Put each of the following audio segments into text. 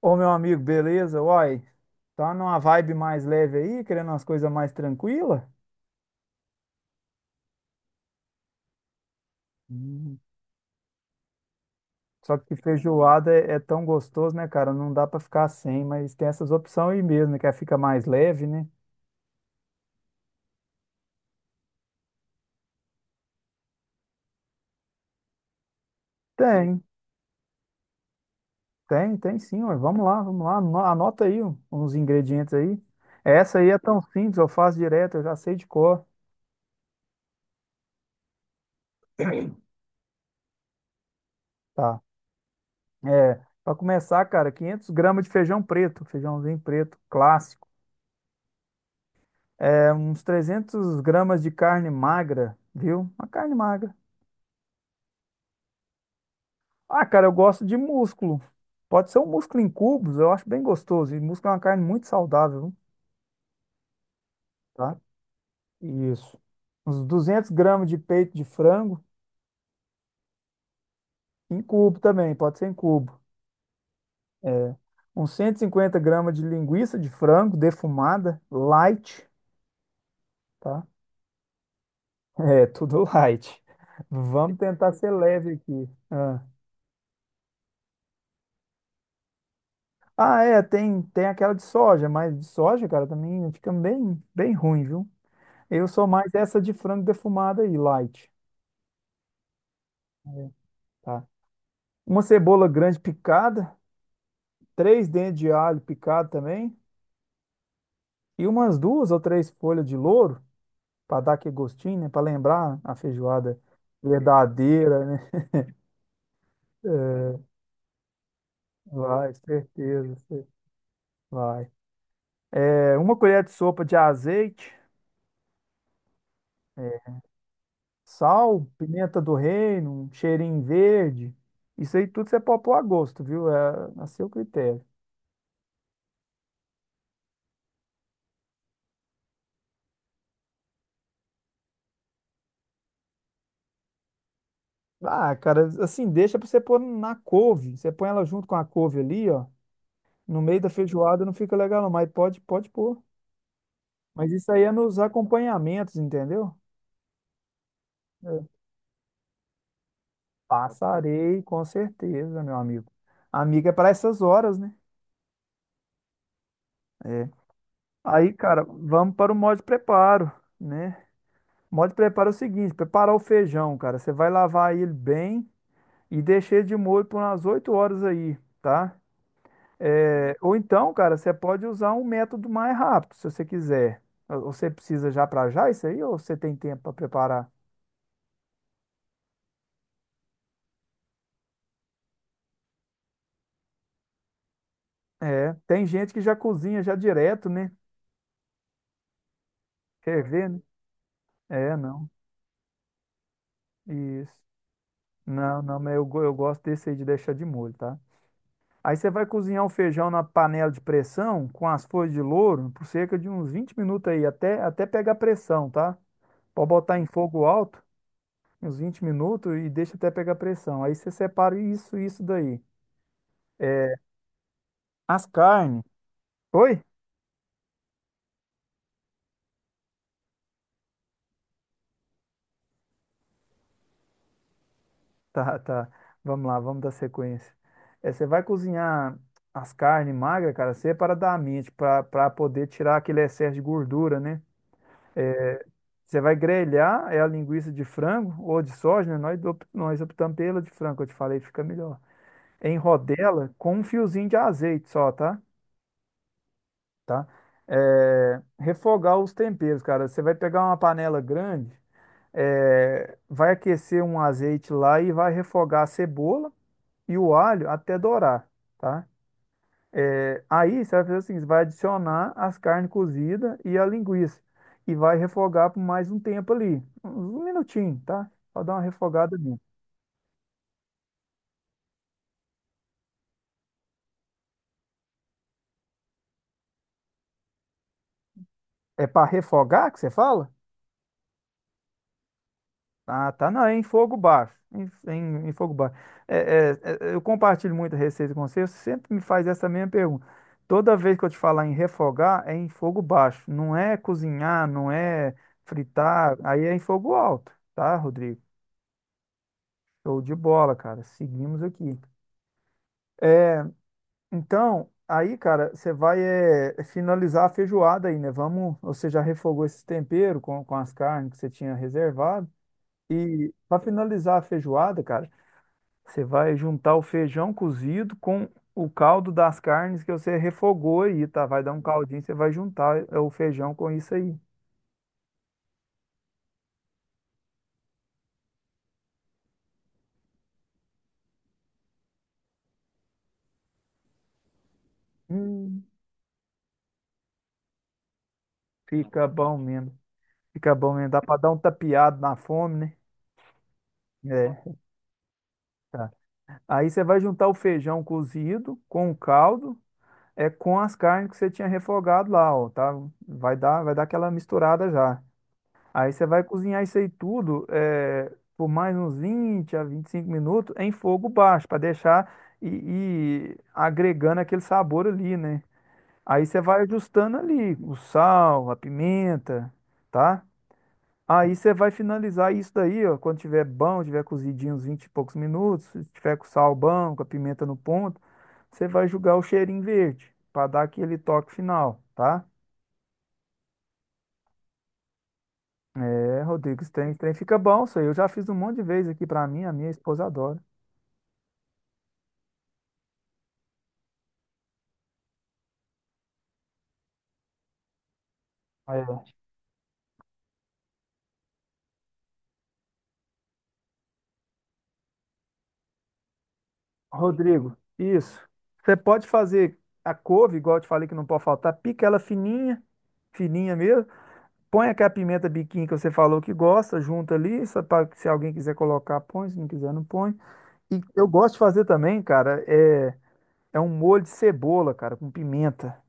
Ô, meu amigo, beleza? Uai, tá numa vibe mais leve aí, querendo umas coisas mais tranquilas? Só que feijoada é tão gostoso, né, cara? Não dá pra ficar sem, mas tem essas opções aí mesmo, né? Que aí fica mais leve, né? Tem, tem sim, ué. Vamos lá, vamos lá. Anota aí ó, uns ingredientes aí. Essa aí é tão simples, eu faço direto, eu já sei de cor. Tá. Para começar, cara, 500 g de feijão preto, feijãozinho preto clássico. Uns 300 g gramas de carne magra, viu? Uma carne magra. Ah, cara, eu gosto de músculo. Pode ser um músculo em cubos, eu acho bem gostoso. E músculo é uma carne muito saudável, tá? Isso. Uns 200 g gramas de peito de frango em cubo também, pode ser em cubo. É, Uns 150 g gramas de linguiça de frango defumada, light, tá? É, tudo light. Vamos tentar ser leve aqui. Ah. Ah, é, tem aquela de soja, mas de soja, cara, também fica bem, bem ruim, viu? Eu sou mais essa de frango defumado aí, light, tá? Uma cebola grande picada, três dentes de alho picado também, e umas duas ou três folhas de louro, para dar aquele gostinho, né? Para lembrar a feijoada verdadeira, né? É, vai, certeza, vai. É, uma colher de sopa de azeite, sal, pimenta do reino, um cheirinho verde. Isso aí tudo você pode pôr a gosto, viu? É a seu critério. Ah, cara, assim, deixa pra você pôr na couve. Você põe ela junto com a couve ali, ó. No meio da feijoada não fica legal, não, mas pode, pode pôr. Mas isso aí é nos acompanhamentos, entendeu? É. Passarei, com certeza, meu amigo. Amiga é para essas horas, né? É. Aí, cara, vamos para o modo de preparo, né? O modo de preparo é o seguinte: preparar o feijão, cara. Você vai lavar ele bem e deixei de molho por umas 8 horas aí, tá? Ou então, cara, você pode usar um método mais rápido, se você quiser. Ou você precisa já para já isso aí, ou você tem tempo para preparar? É, tem gente que já cozinha já direto, né? Quer ver, né? É, não. Isso. Não, não, mas eu gosto desse aí de deixar de molho, tá? Aí você vai cozinhar o feijão na panela de pressão com as folhas de louro por cerca de uns 20 minutos aí, até pegar pressão, tá? Pode botar em fogo alto. Uns 20 minutos e deixa até pegar pressão. Aí você separa isso e isso daí. É, as carnes. Oi? Tá, tá. Vamos lá, vamos dar sequência. É, você vai cozinhar as carnes magras, cara, separadamente, para poder tirar aquele excesso de gordura, né? Você vai grelhar é a linguiça de frango ou de soja, né? Nós optamos pela de frango, eu te falei, fica melhor. Em rodela com um fiozinho de azeite só, tá? Tá? É, refogar os temperos, cara. Você vai pegar uma panela grande. É, vai aquecer um azeite lá e vai refogar a cebola e o alho até dourar, tá? É, aí você vai fazer o seguinte, vai adicionar as carnes cozidas e a linguiça e vai refogar por mais um tempo ali, uns um minutinho, tá? Para dar uma refogada ali. É para refogar que você fala? Ah, tá, não, é em fogo baixo, em fogo baixo. É, é, eu compartilho muito a receita com você, você sempre me faz essa mesma pergunta. Toda vez que eu te falar em refogar, é em fogo baixo, não é cozinhar, não é fritar, aí é em fogo alto, tá, Rodrigo? Show de bola, cara, seguimos aqui. É, então, aí, cara, você vai é, finalizar a feijoada aí, né? Vamos, você já refogou esse tempero com as carnes que você tinha reservado, e para finalizar a feijoada, cara, você vai juntar o feijão cozido com o caldo das carnes que você refogou aí, tá? Vai dar um caldinho, você vai juntar é, o feijão com isso aí. Hum, fica bom mesmo. Fica bom mesmo. Dá pra dar um tapeado na fome, né? É, tá. Aí você vai juntar o feijão cozido com o caldo, é com as carnes que você tinha refogado lá, ó, tá? Vai dar aquela misturada já. Aí você vai cozinhar isso aí tudo por mais uns 20 a 25 minutos em fogo baixo, para deixar e, e agregando aquele sabor ali, né? Aí você vai ajustando ali o sal, a pimenta, tá? Aí você vai finalizar isso daí, ó, quando tiver bom, tiver cozidinho uns 20 e poucos minutos, se tiver com o sal bom, com a pimenta no ponto, você vai jogar o cheirinho verde, para dar aquele toque final, tá? É, Rodrigo, esse trem fica bom, isso aí. Eu já fiz um monte de vezes aqui pra mim, a minha esposa adora. É. Rodrigo, isso. Você pode fazer a couve, igual eu te falei que não pode faltar, pica ela fininha, fininha mesmo. Põe aquela pimenta biquinho que você falou que gosta, junta ali, se alguém quiser colocar, põe, se não quiser, não põe. E eu gosto de fazer também, cara, é, é um molho de cebola, cara, com pimenta.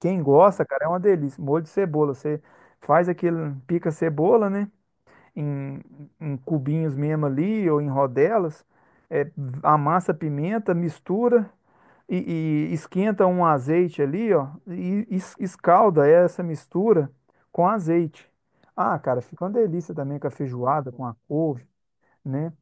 Quem gosta, cara, é uma delícia. Molho de cebola, você faz aquele, pica a cebola, né? Em, em cubinhos mesmo ali ou em rodelas, é, amassa a pimenta, mistura e esquenta um azeite ali, ó, escalda essa mistura com azeite. Ah, cara, fica uma delícia também com a feijoada, com a couve, né?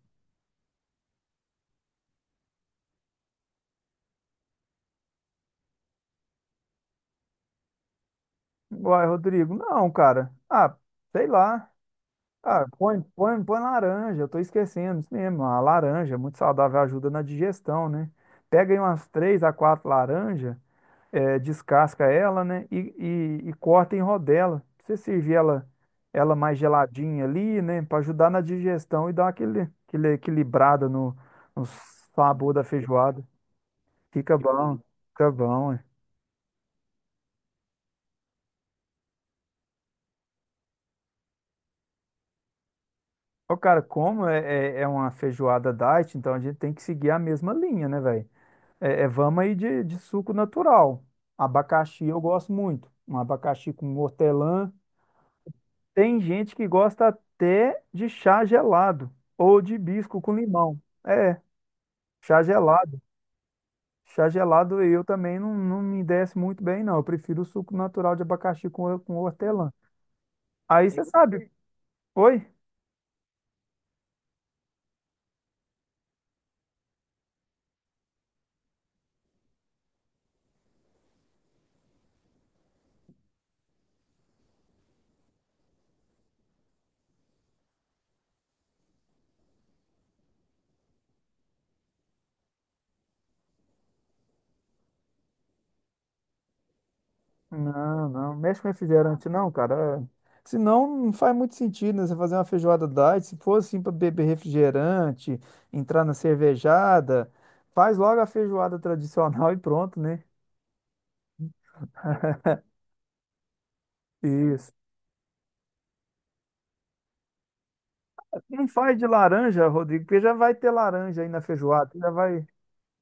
Uai, Rodrigo, não, cara. Ah, sei lá. Ah, põe laranja, eu tô esquecendo isso mesmo. A laranja, é muito saudável, ajuda na digestão, né? Pega aí umas três a quatro laranjas é, descasca ela, né? E corta em rodela. Você servir ela, ela mais geladinha ali, né? Para ajudar na digestão e dar aquele, aquele equilibrada no sabor da feijoada. Fica bom, fica bom. É. Ô, cara, como é, é uma feijoada diet, então a gente tem que seguir a mesma linha, né, velho? Vamos aí de suco natural. Abacaxi eu gosto muito. Um abacaxi com hortelã. Tem gente que gosta até de chá gelado ou de hibisco com limão. É, chá gelado. Chá gelado eu também não, não me desce muito bem, não. Eu prefiro o suco natural de abacaxi com hortelã. Aí você sabe. Oi? Não, não. Mexe com refrigerante, não, cara. É. Senão não faz muito sentido, né? Você fazer uma feijoada diet. Se for assim para beber refrigerante, entrar na cervejada, faz logo a feijoada tradicional e pronto, né? Isso. Não faz de laranja, Rodrigo, porque já vai ter laranja aí na feijoada. Já vai.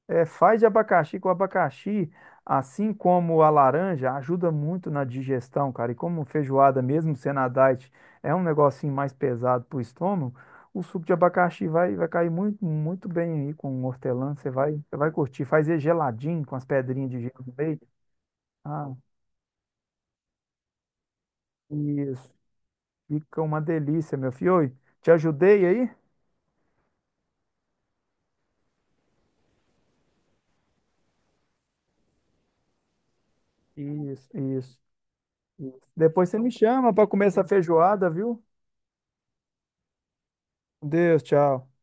É, faz de abacaxi, que o abacaxi, assim como a laranja, ajuda muito na digestão, cara. E como feijoada, mesmo sendo a diet, é um negocinho mais pesado pro estômago, o suco de abacaxi vai cair muito, muito bem aí com o hortelã. Você vai curtir. Faz ele geladinho com as pedrinhas de gelo no meio. Ah, isso. Fica uma delícia, meu filho. Oi, te ajudei aí? Isso, isso. Depois você me chama para comer essa feijoada, viu? Com Deus, tchau.